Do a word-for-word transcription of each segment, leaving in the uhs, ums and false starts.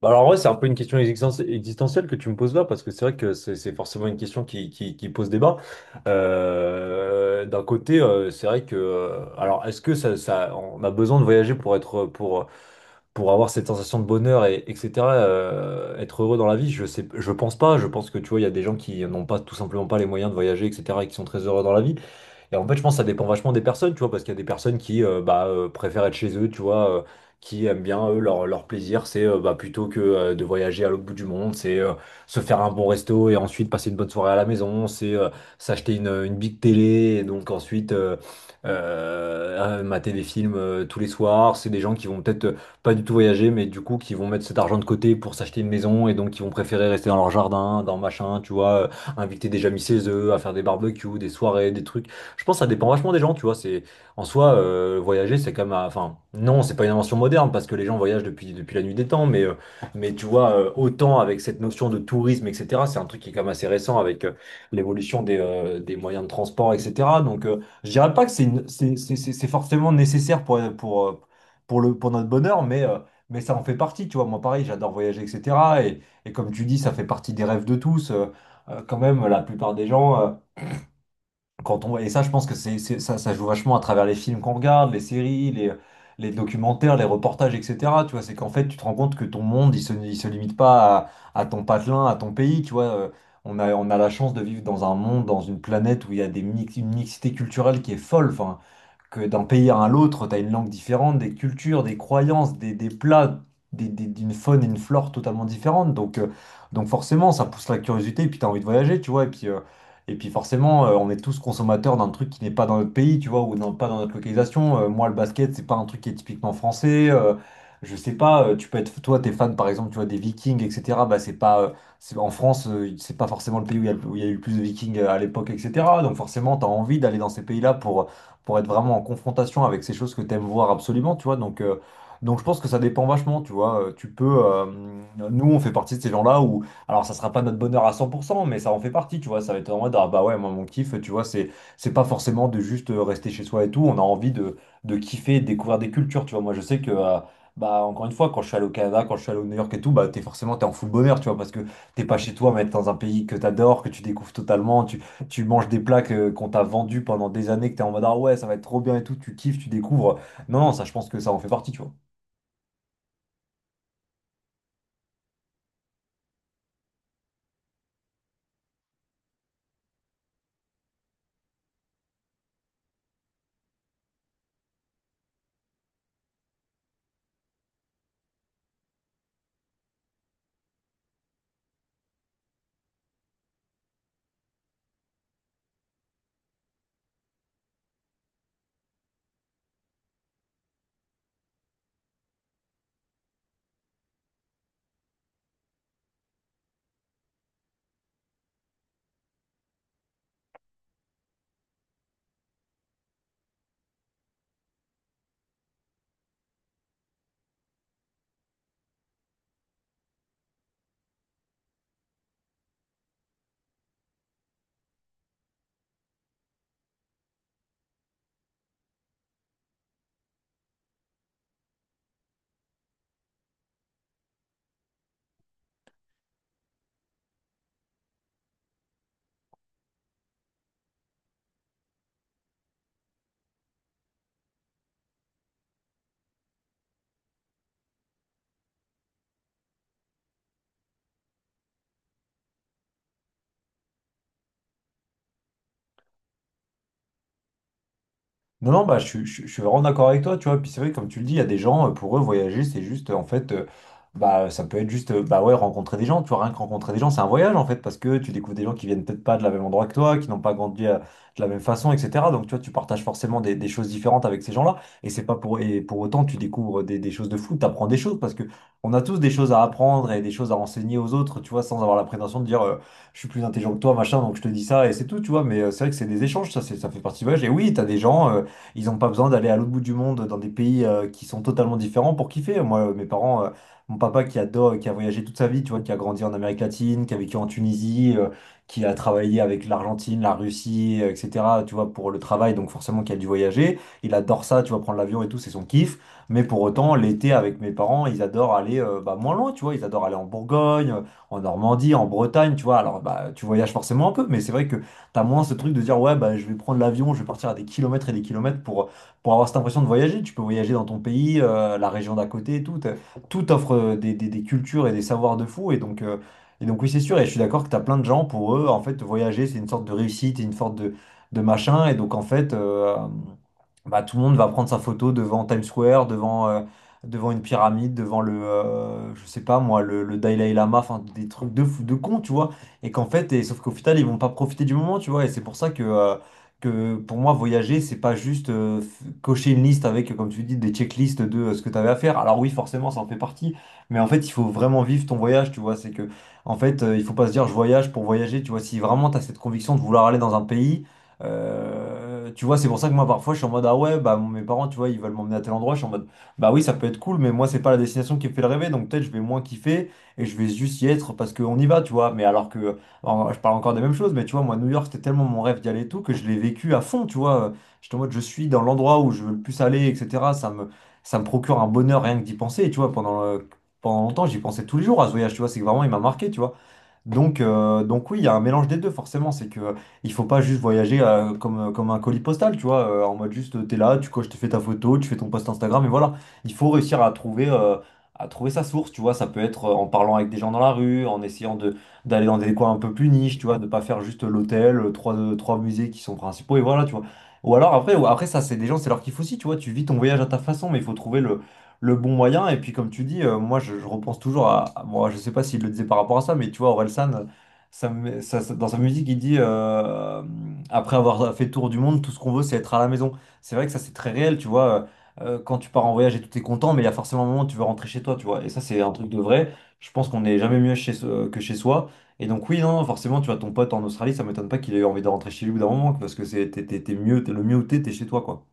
Bah alors, en vrai, c'est un peu une question existen- existentielle que tu me poses là, parce que c'est vrai que c'est c'est forcément une question qui, qui, qui pose débat. Euh, d'un côté, euh, c'est vrai que, euh, alors, est-ce que ça, ça, on a besoin de voyager pour être, pour, pour avoir cette sensation de bonheur et etc. euh, être heureux dans la vie, je sais, je pense pas. Je pense que tu vois, il y a des gens qui n'ont pas tout simplement pas les moyens de voyager, et cetera et qui sont très heureux dans la vie. Et en fait, je pense que ça dépend vachement des personnes, tu vois, parce qu'il y a des personnes qui euh, bah, euh, préfèrent être chez eux, tu vois, euh, qui aiment bien, eux, leur, leur plaisir, c'est euh, bah, plutôt que euh, de voyager à l'autre bout du monde, c'est euh, se faire un bon resto et ensuite passer une bonne soirée à la maison, c'est euh, s'acheter une, une big télé et donc ensuite euh, euh, euh, mater des films euh, tous les soirs. C'est des gens qui vont peut-être euh, pas du tout voyager, mais du coup, qui vont mettre cet argent de côté pour s'acheter une maison et donc qui vont préférer rester dans leur jardin, dans machin, tu vois, euh, inviter des amis chez eux, à faire des barbecues, des soirées, des trucs. Je pense que ça dépend vachement des gens, tu vois. C'est en soi euh, Voyager, c'est comme, enfin non, c'est pas une invention moderne parce que les gens voyagent depuis depuis la nuit des temps, mais euh, mais tu vois, euh, autant avec cette notion de tourisme, et cetera. C'est un truc qui est quand même assez récent avec euh, l'évolution des, euh, des moyens de transport, et cetera. Donc euh, je dirais pas que c'est une- c'est c'est- c'est- c'est forcément nécessaire pour pour euh, pour le pour notre bonheur, mais euh, mais ça en fait partie, tu vois. Moi pareil, j'adore voyager, et cetera. Et, et comme tu dis, ça fait partie des rêves de tous. Euh, euh, quand même, la plupart des gens. Euh, quand on... Et ça, je pense que c'est, c'est- ça, ça joue vachement à travers les films qu'on regarde, les séries, les, les documentaires, les reportages, et cetera. Tu vois, c'est qu'en fait, tu te rends compte que ton monde, il se, il se limite pas à, à ton patelin, à ton pays. Tu vois. Euh, on a, on a la chance de vivre dans un monde, dans une planète où il y a des mix- une mixité culturelle qui est folle. Enfin, que d'un pays à l'autre, tu as une langue différente, des cultures, des croyances, des, des plats, des- des- d'une faune et une flore totalement différentes. Donc, euh, donc forcément, ça pousse la curiosité et puis tu as envie de voyager, tu vois. Et puis, euh, et puis forcément, euh, on est tous consommateurs d'un truc qui n'est pas dans notre pays, tu vois, ou dans- pas dans notre localisation. Euh, moi, le basket, c'est pas un truc qui est typiquement français. Euh, je sais pas, euh, Tu peux être, toi, t'es fan, par exemple, tu vois, des Vikings, et cetera. Bah, c'est pas, euh, c'est, en France, euh, c'est pas forcément le pays où il y a, le- où il y a eu le plus de Vikings euh, à l'époque, et cetera. Donc forcément, tu as envie d'aller dans ces pays-là pour pour être vraiment en confrontation avec ces choses que tu aimes voir absolument, tu vois. Donc, euh, donc je pense que ça dépend vachement, tu vois. Euh, Tu peux, euh, nous, on fait partie de ces gens-là où, alors ça sera pas notre bonheur à cent pour cent, mais ça en fait partie, tu vois. Ça va être en mode, ah bah ouais, moi, mon kiff, tu vois, c'est, c'est pas forcément de juste euh, rester chez soi et tout. On a envie de, de kiffer, de découvrir des cultures, tu vois. Moi, je sais que. euh, Bah, encore une fois, quand je suis allé au Canada, quand je suis allé au New York et tout, bah, t'es forcément t'es en full bonheur, tu vois, parce que t'es pas chez toi, mais t'es dans un pays que t'adores, que tu découvres totalement, tu, tu manges des plats que- qu'on t'a vendus pendant des années, que t'es en mode, ah ouais, ça va être trop bien et tout, tu kiffes, tu découvres. Non, non, ça, je pense que ça en fait partie, tu vois. Non, non, bah, je, suis je suis- je suis vraiment d'accord avec toi, tu vois. Puis c'est vrai, comme tu le dis, il y a des gens, euh, pour eux, voyager, c'est juste, euh, en fait, euh, bah, ça peut être juste, euh, bah ouais, rencontrer des gens, tu vois, rien que rencontrer des gens, c'est un voyage, en fait, parce que tu découvres des gens qui viennent peut-être pas de la même endroit que toi, qui n'ont pas grandi euh, de la même façon, et cetera. Donc, tu vois, tu partages forcément des, des choses différentes avec ces gens-là, et c'est pas pour, et pour autant, tu découvres des, des choses de fou, tu apprends des choses, parce que on a tous des choses à apprendre et des choses à enseigner aux autres, tu vois, sans avoir la prétention de dire, euh, je suis plus intelligent que toi, machin, donc je te dis ça, et c'est tout, tu vois. Mais euh, c'est vrai que c'est des échanges, ça, c'est, ça fait partie du voyage. Et oui, t'as des gens. Euh, ils n'ont pas besoin d'aller à l'autre bout du monde dans des pays euh, qui sont totalement différents pour kiffer. Moi, euh, mes parents, euh, mon papa qui adore, qui a voyagé toute sa vie, tu vois, qui a grandi en Amérique latine, qui a vécu en Tunisie, euh, qui a travaillé avec l'Argentine, la Russie, euh, et cetera, tu vois, pour le travail, donc forcément qui a dû voyager. Il adore ça, tu vois, prendre l'avion et tout, c'est son kiff. Mais pour autant, l'été avec mes parents, ils adorent aller euh, bah, moins loin, tu vois, ils adorent aller en Bourgogne, en Normandie, en Bretagne, tu vois. Alors, bah, tu voyages forcément un peu, mais c'est vrai que t'as moins ce truc de dire, ouais, bah, je vais prendre l'avion, je vais partir à des kilomètres et des kilomètres pour, pour avoir cette impression de voyager. Tu peux voyager dans ton pays, euh, la région d'à côté, et tout. T'as- Tout offre euh, des, des- des cultures et des savoirs de fou. Et donc, euh, et donc oui, c'est sûr. Et je suis d'accord que t'as plein de gens, pour eux, en fait, voyager, c'est une sorte de réussite, et une sorte de, de machin. Et donc, en fait, euh, bah, tout le monde va prendre sa photo devant Times Square, devant, euh, devant une pyramide, devant le, euh, je sais pas moi, le, le Dalai Lama, enfin, des trucs de fou, de con, tu vois, et qu'en fait, et, sauf qu'au final, ils vont pas profiter du moment, tu vois. Et c'est pour ça que, euh, que pour moi, voyager, c'est pas juste euh, f- cocher une liste avec, comme tu dis, des checklists de euh, ce que tu avais à faire. Alors oui, forcément, ça en fait partie, mais en fait, il faut vraiment vivre ton voyage, tu vois. C'est que, en fait, euh, Il faut pas se dire je voyage pour voyager, tu vois. Si vraiment tu as cette conviction de vouloir aller dans un pays, euh, tu vois, c'est pour ça que moi, parfois, je suis en mode, ah ouais, bah mes parents, tu vois, ils veulent m'emmener à tel endroit, je suis en mode. Bah oui, ça peut être cool, mais moi, c'est pas la destination qui me fait le rêver, donc peut-être je vais moins kiffer et je vais juste y être parce qu'on y va, tu vois. Mais alors que alors, je parle encore des mêmes choses, mais tu vois, moi, New York, c'était tellement mon rêve d'y aller et tout que je l'ai vécu à fond, tu vois. J'étais en mode, je suis dans l'endroit où je veux le plus aller, et cetera. Ça me, ça me procure un bonheur rien que d'y penser, et tu vois. Pendant, euh, pendant longtemps, j'y pensais tous les jours à ce voyage, tu vois. C'est que vraiment, il m'a marqué, tu vois. Donc, euh, donc oui, il y a un mélange des deux, forcément. C'est que euh, Il faut pas juste voyager euh, comme, euh, comme un colis postal, tu vois, euh, en mode juste euh, t'es là, tu coches, tu fais ta photo, tu fais ton post Instagram, et voilà. Il faut réussir à trouver, euh, à trouver sa source, tu vois. Ça peut être euh, en parlant avec des gens dans la rue, en essayant de d'aller dans des coins un peu plus niches, tu vois, de pas faire juste l'hôtel, euh, trois, euh, trois musées qui sont principaux, et voilà, tu vois. Ou alors après, ou après ça, c'est des gens, c'est leur kiff aussi, tu vois. Tu vis ton voyage à ta façon, mais il faut trouver le bon moyen. Et puis, comme tu dis, euh, moi, je, je repense toujours à. à- Bon, je sais pas s'il le disait par rapport à ça, mais tu vois, Orelsan, ça, me- ça- ça- dans sa musique, il dit euh, après avoir fait tour du monde, tout ce qu'on veut, c'est être à la maison. C'est vrai que ça, c'est très réel, tu vois. Euh, euh, quand tu pars en voyage et tout, t'es content, mais il y a forcément un moment où tu veux rentrer chez toi, tu vois. Et ça, c'est un truc de vrai. Je pense qu'on n'est jamais mieux chez, so- que chez soi. Et donc, oui, non, forcément, tu vois, ton pote en Australie, ça m'étonne pas qu'il ait eu envie de rentrer chez lui au bout d'un moment, parce que c'est, t'es, t'es- t'es mieux, t'es le mieux où t'es, t'es chez toi, quoi.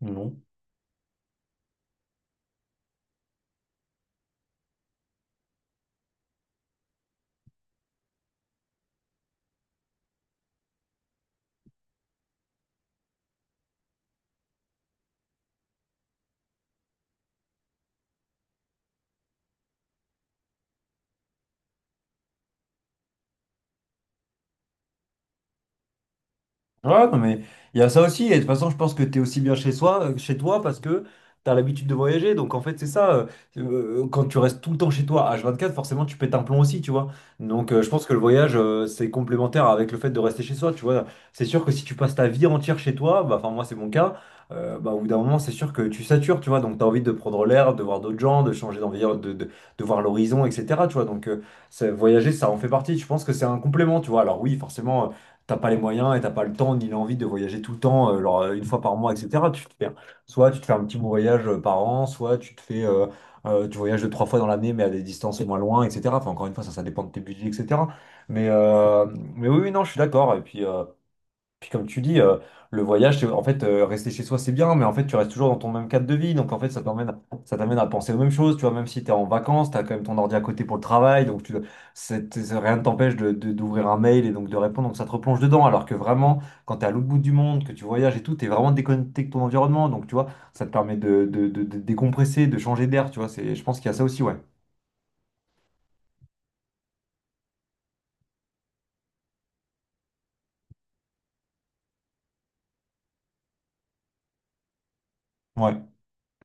Non. Ouais, non, mais il y a ça aussi. Et de toute façon, je pense que tu es aussi bien chez soi, euh, chez toi parce que tu as l'habitude de voyager. Donc, en fait, c'est ça. Euh, euh, quand tu restes tout le temps chez toi, H vingt-quatre, forcément, tu pètes un plomb aussi, tu vois. Donc, euh, je pense que le voyage, euh, c'est complémentaire avec le fait de rester chez soi, tu vois. C'est sûr que si tu passes ta vie entière chez toi, bah, enfin, moi, c'est mon cas, euh, bah, au bout d'un moment, c'est sûr que tu satures, tu vois. Donc, tu as envie de prendre l'air, de voir d'autres gens, de changer d'environnement, de, de, de voir l'horizon, et cetera, tu vois. Donc, euh, ça- voyager, ça en fait partie. Je pense que c'est un complément, tu vois. Alors, oui, forcément t'as pas les moyens et t'as pas le temps ni l'envie de voyager tout le temps, euh, genre, euh, une fois par mois, et cetera. Tu te fais, soit tu te fais un petit voyage euh, par an, soit tu te fais, euh, euh, tu voyages deux, trois fois dans l'année, mais à des distances moins loin, et cetera. Enfin, encore une fois, ça, ça dépend de tes budgets, et cetera. Mais, euh, mais oui, oui, non, je suis d'accord. Et puis, euh, puis comme tu dis, euh, le voyage, c'est- en fait, euh, rester chez soi, c'est bien, mais en fait, tu restes toujours dans ton même cadre de vie. Donc, en fait, ça t'emmène, ça t'amène à penser aux mêmes choses. Tu vois, même si tu es en vacances, tu as quand même ton ordi à côté pour le travail. Donc, tu, c'est- c'est- rien ne t'empêche de, de- d'ouvrir un mail et donc de répondre. Donc, ça te replonge dedans. Alors que vraiment, quand tu es à l'autre bout du monde, que tu voyages et tout, tu es vraiment déconnecté de ton environnement. Donc, tu vois, ça te permet de, de, de- de décompresser, de changer d'air. Tu vois, c'est, je pense qu'il y a ça aussi, ouais. Ouais.